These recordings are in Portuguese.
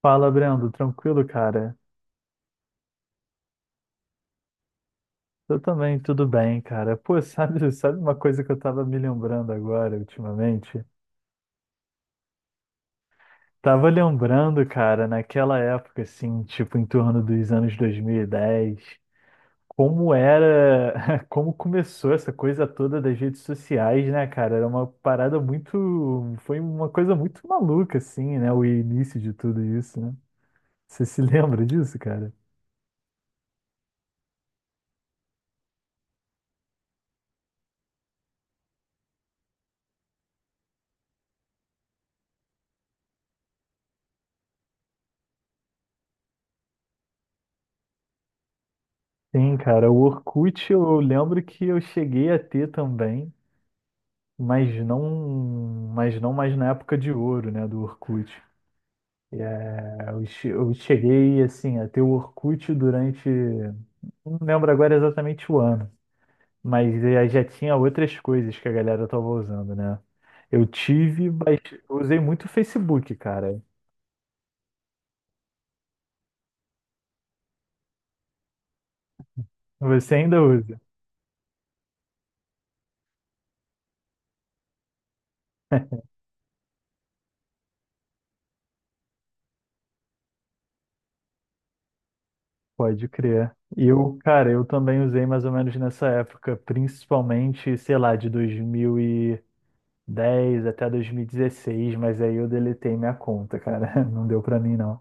Fala, Brando, tranquilo, cara? Eu também, tudo bem, cara. Pô, sabe uma coisa que eu tava me lembrando agora, ultimamente? Tava lembrando, cara, naquela época, assim, tipo, em torno dos anos 2010, como era, como começou essa coisa toda das redes sociais, né, cara? Era uma parada muito, foi uma coisa muito maluca, assim, né? O início de tudo isso, né? Você se lembra disso, cara? Sim, cara, o Orkut eu lembro que eu cheguei a ter também. mas não, mas não mais na época de ouro, né, do Orkut. Eu cheguei assim a ter o Orkut durante, não lembro agora exatamente o ano, mas já tinha outras coisas que a galera tava usando, né? Eu tive, mas eu usei muito o Facebook, cara. Você ainda usa? Pode crer. Eu, cara, eu também usei mais ou menos nessa época, principalmente, sei lá, de dois mil e 10 até 2016, mas aí eu deletei minha conta, cara. Não deu pra mim, não.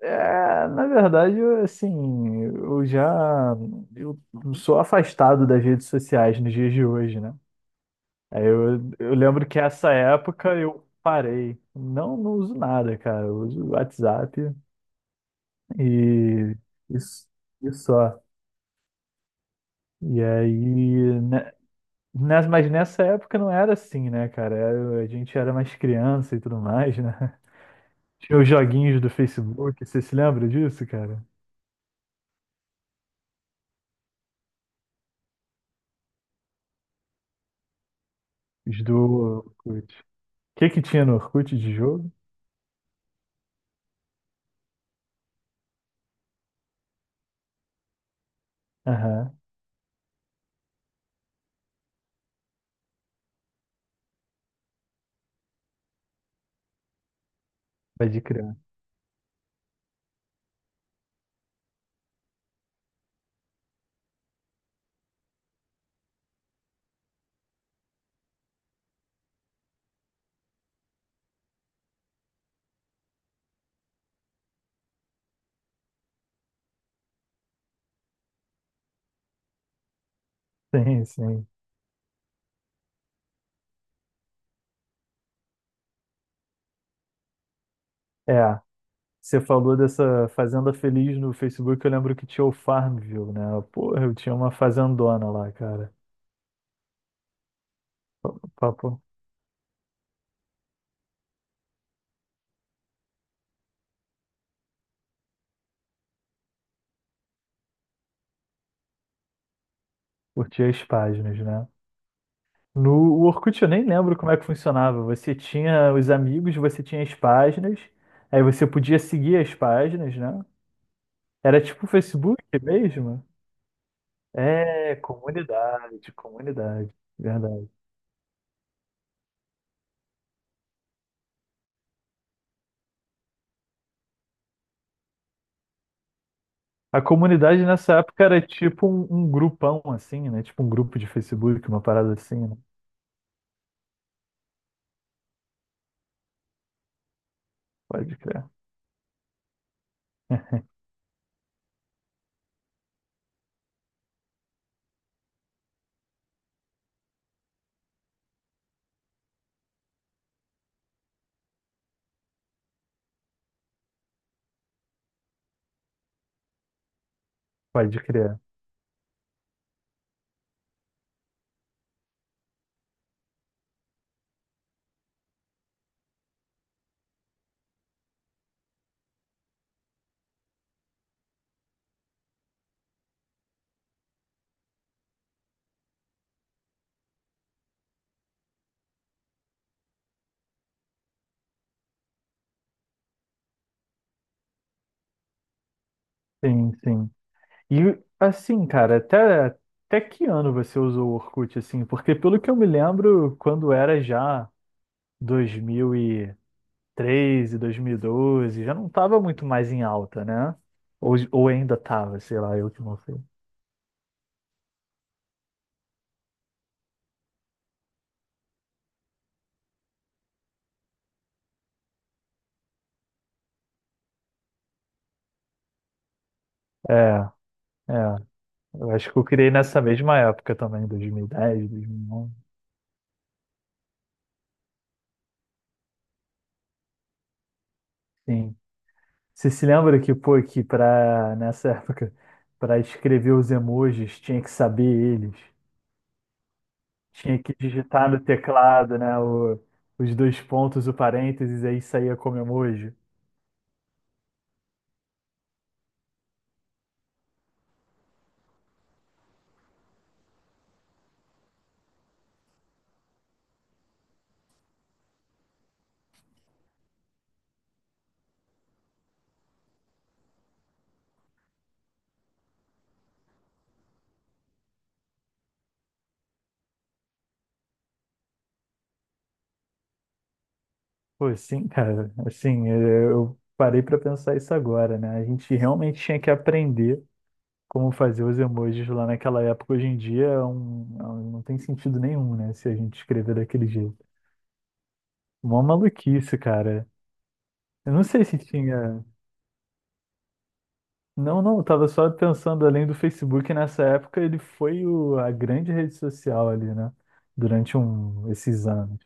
É, na verdade, eu, assim, eu já eu sou afastado das redes sociais nos dias de hoje, né? Aí eu lembro que essa época eu parei. Não, não uso nada, cara. Eu uso o WhatsApp e isso, e só. E aí, né, mas nessa época não era assim, né, cara? Era... A gente era mais criança e tudo mais, né? Tinha os joguinhos do Facebook, você se lembra disso, cara? Os do Orkut. O que tinha no Orkut de jogo? Aham, pode crer. Sim, sim. É, você falou dessa Fazenda Feliz no Facebook, eu lembro que tinha o Farmville, né? Porra, eu tinha uma fazendona lá, cara. Papo, curtia as páginas, né? No o Orkut eu nem lembro como é que funcionava. Você tinha os amigos, você tinha as páginas, aí você podia seguir as páginas, né? Era tipo o Facebook mesmo? É, comunidade, verdade. A comunidade nessa época era tipo um grupão assim, né? Tipo um grupo de Facebook, uma parada assim, né? Pode crer, pode crer. Sim, sim. E assim, cara, até que ano você usou o Orkut assim? Porque pelo que eu me lembro, quando era já dois mil e 2012, já não tava muito mais em alta, né? Ou ainda tava, sei lá, eu que não sei. É, é. Eu acho que eu criei nessa mesma época também, 2010, 2011. Sim. Você se lembra que, pô, que pra, nessa época, para escrever os emojis, tinha que saber eles. Tinha que digitar no teclado, né? Os dois pontos, o parênteses, aí saía como emoji. Pô, sim, cara. Assim, eu parei pra pensar isso agora, né? A gente realmente tinha que aprender como fazer os emojis lá naquela época. Hoje em dia não tem sentido nenhum, né? Se a gente escrever daquele jeito. Uma maluquice, cara. Eu não sei se tinha. Não, não, eu tava só pensando além do Facebook nessa época, ele foi a grande rede social ali, né? Durante esses anos.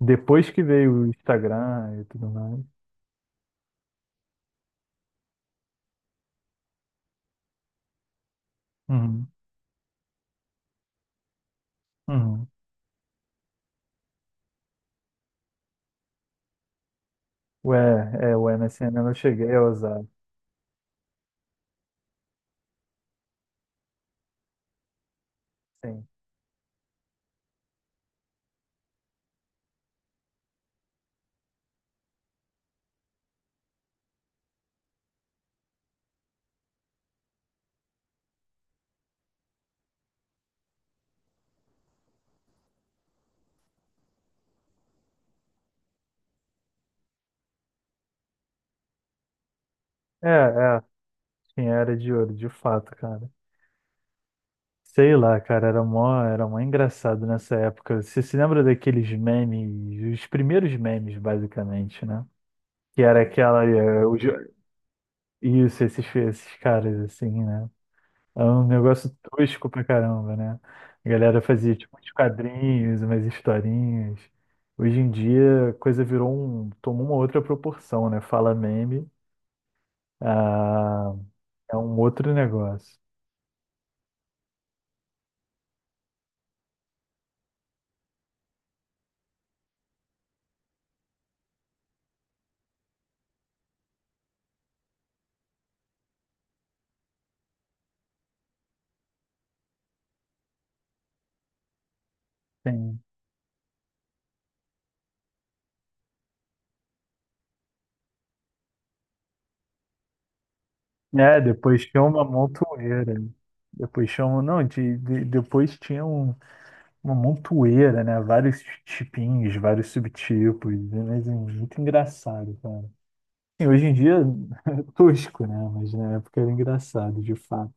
Depois que veio o Instagram e tudo mais. Uhum, uhum. Ué, é, o MSN eu não cheguei a usar. Sim. É, é, tinha era de ouro, de fato, cara. Sei lá, cara, era mó engraçado nessa época. Você se lembra daqueles memes, os primeiros memes, basicamente, né? Que era aquela. Isso, esses caras, assim, né? É um negócio tosco pra caramba, né? A galera fazia tipo uns quadrinhos, umas historinhas. Hoje em dia a coisa virou um. Tomou uma outra proporção, né? Fala meme. Ah, é um outro negócio. Sim. É, depois tinha uma montoeira. Depois chama, não, de- depois tinha uma montoeira, né? Vários tipinhos, vários subtipos, né? Mas é muito engraçado, cara. Sim, hoje em dia é tosco, né? Mas na época era engraçado, de fato.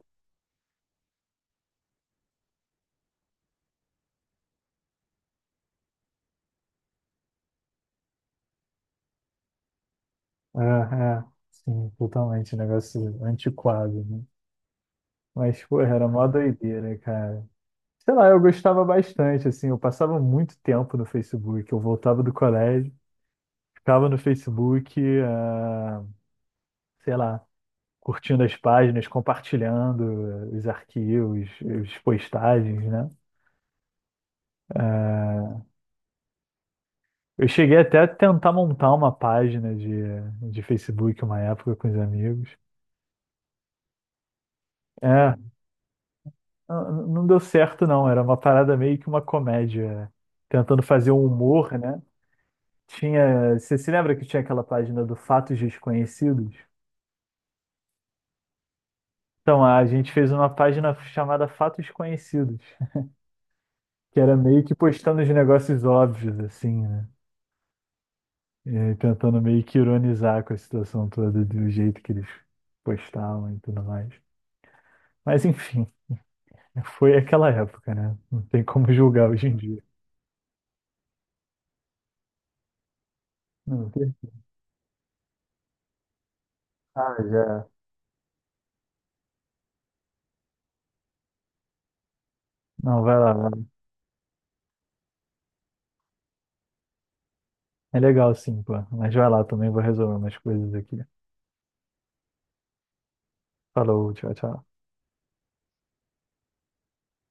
É, é, sim, totalmente, um negócio antiquado, né? Mas, porra, era mó doideira, cara. Sei lá, eu gostava bastante, assim, eu passava muito tempo no Facebook, eu voltava do colégio, ficava no Facebook, ah, sei lá, curtindo as páginas, compartilhando os arquivos, as postagens, né? Eh, Eu cheguei até a tentar montar uma página de Facebook uma época com os amigos. É, não deu certo não, era uma parada meio que uma comédia, tentando fazer um humor, né? Tinha, você se lembra que tinha aquela página do Fatos Desconhecidos? Então, a gente fez uma página chamada Fatos Conhecidos, que era meio que postando os negócios óbvios, assim, né? E aí tentando meio que ironizar com a situação toda, do jeito que eles postavam e tudo mais. Mas, enfim. Foi aquela época, né? Não tem como julgar hoje em dia. Não, Ah, já. Não, vai lá, vai lá. É legal sim, pô. Mas vai lá também, vou resolver umas coisas aqui. Falou, tchau, tchau.